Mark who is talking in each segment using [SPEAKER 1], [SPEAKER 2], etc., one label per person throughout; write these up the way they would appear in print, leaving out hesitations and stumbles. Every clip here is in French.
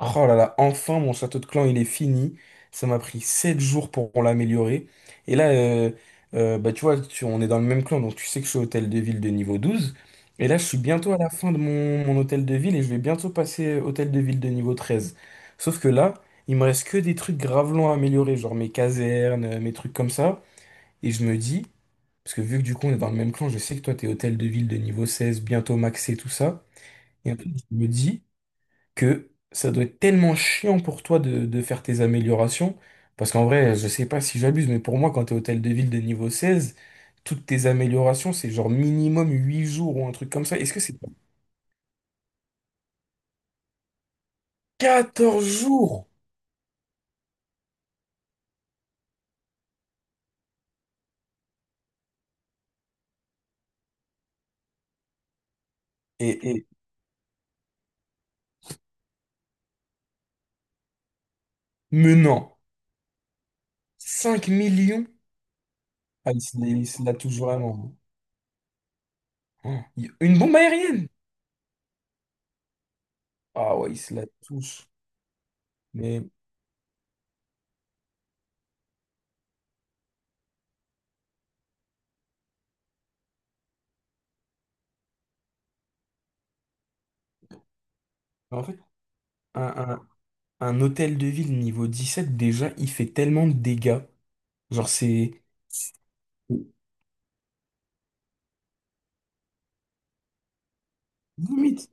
[SPEAKER 1] Oh là là, enfin mon château de clan il est fini. Ça m'a pris 7 jours pour l'améliorer. Et là, bah, tu vois, on est dans le même clan, donc tu sais que je suis hôtel de ville de niveau 12. Et là, je suis bientôt à la fin de mon hôtel de ville et je vais bientôt passer hôtel de ville de niveau 13. Sauf que là, il me reste que des trucs grave longs à améliorer, genre mes casernes, mes trucs comme ça. Et je me dis, parce que vu que du coup on est dans le même clan, je sais que toi t'es hôtel de ville de niveau 16, bientôt maxé, tout ça. Et en fait, je me dis que ça doit être tellement chiant pour toi de faire tes améliorations. Parce qu'en vrai, je sais pas si j'abuse, mais pour moi, quand t'es hôtel de ville de niveau 16 toutes tes améliorations, c'est genre minimum 8 jours ou un truc comme ça. Est-ce que c'est pas 14 jours? Et menant 5 millions? Ah, il se la touche vraiment. Oh, une bombe aérienne! Ah ouais, il se la touche. Mais en fait, un, un, un hôtel de ville niveau 17 déjà, il fait tellement de dégâts. Genre, c'est. Limite.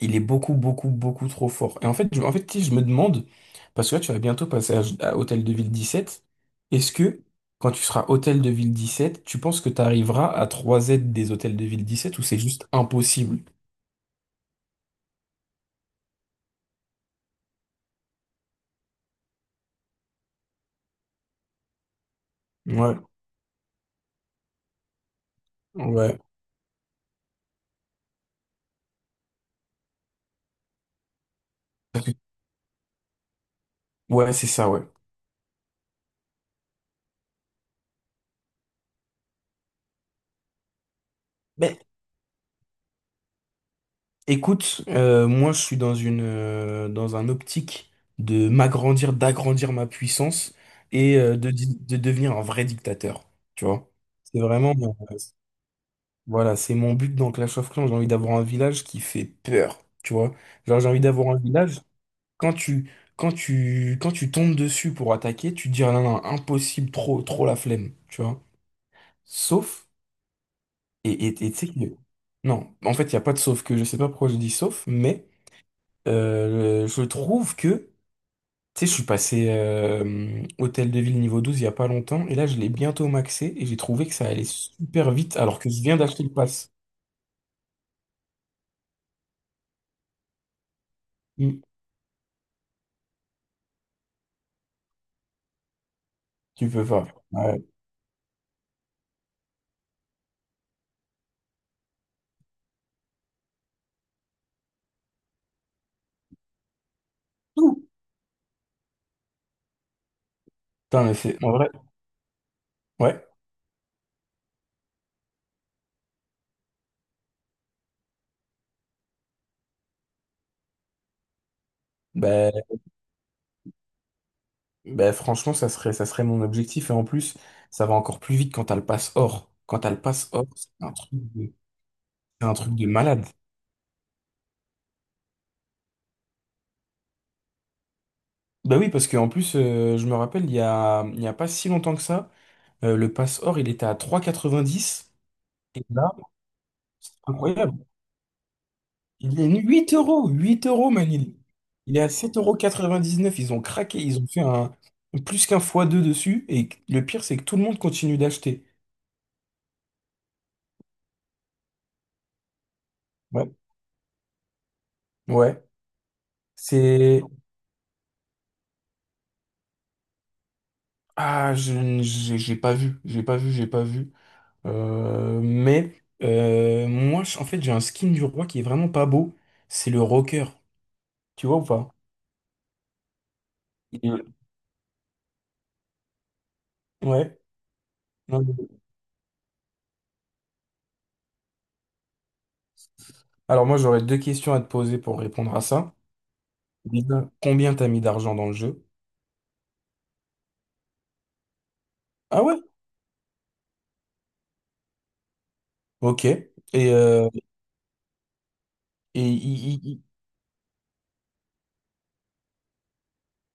[SPEAKER 1] Il est beaucoup, beaucoup, beaucoup trop fort. Et en fait, en fait, si je me demande, parce que là, tu vas bientôt passer à Hôtel de Ville 17, est-ce que quand tu seras Hôtel de Ville 17, tu penses que tu arriveras à trois z des Hôtels de Ville 17 ou c'est juste impossible? Ouais, ouais. Parce que- Ouais, c'est ça, ouais. Mais écoute, moi, je suis dans une, dans un optique de m'agrandir, d'agrandir ma puissance et de devenir un vrai dictateur. Tu vois? C'est vraiment. euh, Voilà, c'est mon but dans Clash of Clans. J'ai envie d'avoir un village qui fait peur, tu vois. Genre, j'ai envie d'avoir un village. Quand tu, quand tu tombes dessus pour attaquer, tu te dis, ah non, non, impossible, trop, trop la flemme, tu vois. Sauf, et tu sais que, non, en fait, il n'y a pas de sauf que. Je sais pas pourquoi je dis sauf, mais je trouve que, tu sais, je suis passé Hôtel de Ville niveau 12 il y a pas longtemps, et là, je l'ai bientôt maxé, et j'ai trouvé que ça allait super vite, alors que je viens d'acheter le pass. Mm. Tu peux pas. Ouais. Putain, mais c'est en vrai, ouais. Ben, ben franchement, ça serait mon objectif. Et en plus, ça va encore plus vite quand t'as le pass or. Quand t'as le pass or, c'est un truc de malade. Bah oui, parce qu'en plus, je me rappelle, il y a pas si longtemps que ça, le pass or, il était à 3,90. Et là, c'est incroyable. Il est 8 euros. 8 euros, Manil. Il est à 7,99 euros. Quatre-vingt-dix-neuf. Ils ont craqué. Ils ont fait plus qu'un fois deux dessus. Et le pire, c'est que tout le monde continue d'acheter. Ouais. Ouais. C'est. Ah, j'ai pas vu, j'ai pas vu, j'ai pas vu. Mais moi, en fait, j'ai un skin du roi qui est vraiment pas beau. C'est le rocker. Tu vois ou pas? Il Ouais. Non, Alors moi, j'aurais deux questions à te poser pour répondre à ça. Déjà, combien t'as mis d'argent dans le jeu? Ah ouais? Ok. Euh, et il- il- il-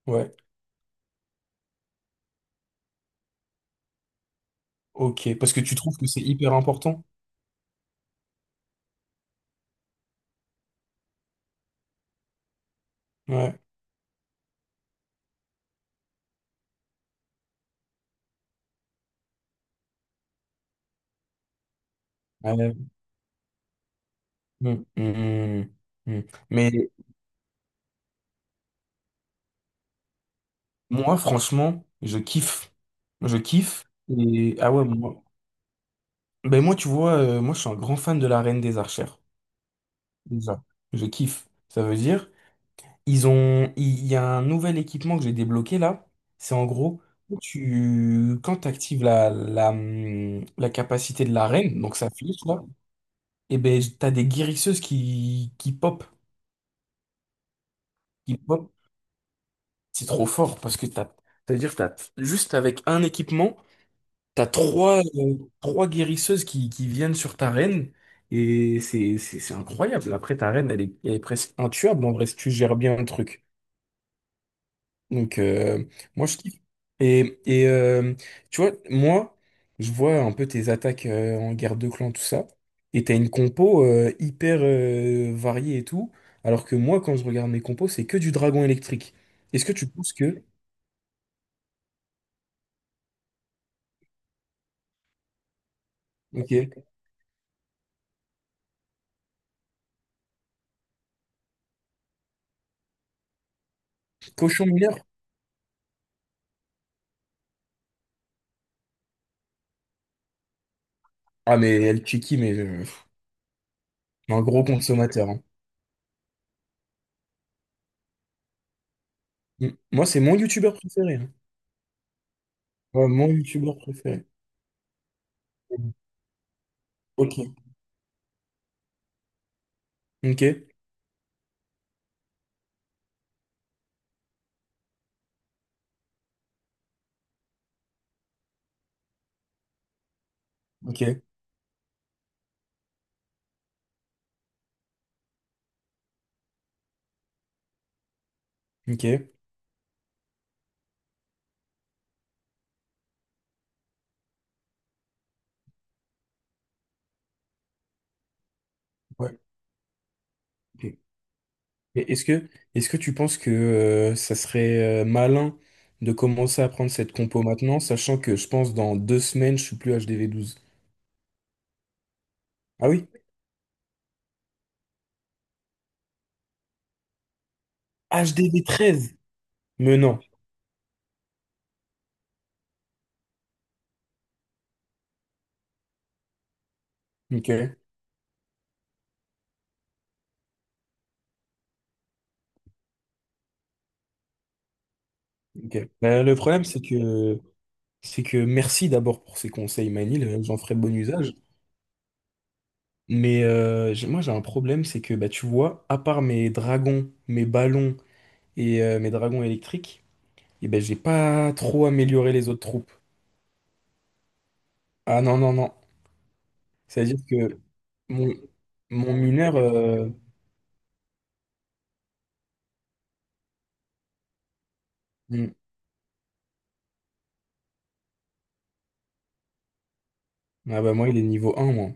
[SPEAKER 1] ouais. Ok. Parce que tu trouves que c'est hyper important? Ouais. Ouais. Mm, mm, mm, mm. Mais moi, franchement, je kiffe. Je kiffe. Et ah ouais, moi. Ben moi, tu vois, moi, je suis un grand fan de la Reine des Archères. Déjà, je kiffe. Ça veut dire, il y a un nouvel équipement que j'ai débloqué là. C'est en gros, quand tu actives la capacité de la reine, donc sa flèche là, et ben t'as des guérisseuses qui pop, qui pop. C'est trop fort parce que c'est-à-dire, que t'as juste avec un équipement. T'as trois guérisseuses qui viennent sur ta reine et c'est incroyable. Après, ta reine, elle est presque intuable en vrai si tu gères bien le truc. Donc, moi, je kiffe. Et, et euh, tu vois, moi, je vois un peu tes attaques en guerre de clan, tout ça. Et t'as une compo hyper variée et tout. Alors que moi, quand je regarde mes compos, c'est que du dragon électrique. Est-ce que tu penses que. Ok. Cochon mineur? Ah, mais elle Chiki, mais un gros consommateur, hein. Mm. Moi, c'est mon youtubeur préféré, hein. Ouais, mon youtubeur préféré. Mm. Ok. Ok. Ok. Ok. Ouais. Ok. Et est-ce que tu penses que ça serait malin de commencer à prendre cette compo maintenant, sachant que je pense dans 2 semaines, je suis plus HDV 12. Ah oui? HDV 13? Mais non. Ok. Ok. Bah, le problème, c'est que merci d'abord pour ces conseils, Manil. J'en ferai bon usage. Mais moi, j'ai un problème, c'est que, bah, tu vois, à part mes dragons, mes ballons, et mes dragons électriques, et ben j'ai pas trop amélioré les autres troupes. Ah non, non, non. C'est-à-dire que mon, mon mineur. Hmm. Ah bah moi, il est niveau 1 moi.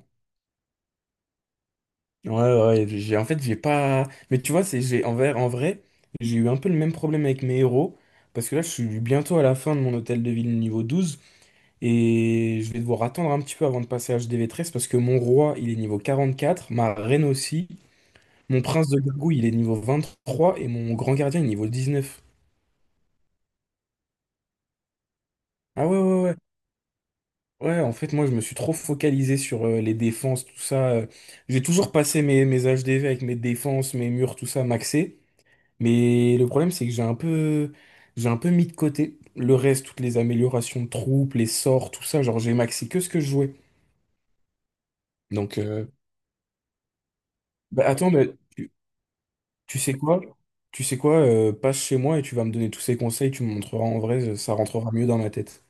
[SPEAKER 1] Ouais, ouais, j'ai, en fait, j'ai pas. Mais tu vois, c'est, j'ai, en vrai, j'ai eu un peu le même problème avec mes héros. Parce que là, je suis bientôt à la fin de mon hôtel de ville niveau 12. Et je vais devoir attendre un petit peu avant de passer HDV 13. Parce que mon roi, il est niveau 44. Ma reine aussi. Mon prince de gargouille, il est niveau 23. Et mon grand gardien, il est niveau 19. Ah ouais, ouais, ouais. Ouais, en fait, moi, je me suis trop focalisé sur les défenses, tout ça. J'ai toujours passé mes H D V avec mes défenses, mes murs, tout ça, maxé. Mais le problème, c'est que j'ai un peu mis de côté le reste, toutes les améliorations de troupes, les sorts, tout ça. Genre, j'ai maxé que ce que je jouais. Donc, bah, attends, mais tu sais quoi? Tu sais quoi? Passe chez moi et tu vas me donner tous ces conseils, tu me montreras en vrai, ça rentrera mieux dans ma tête.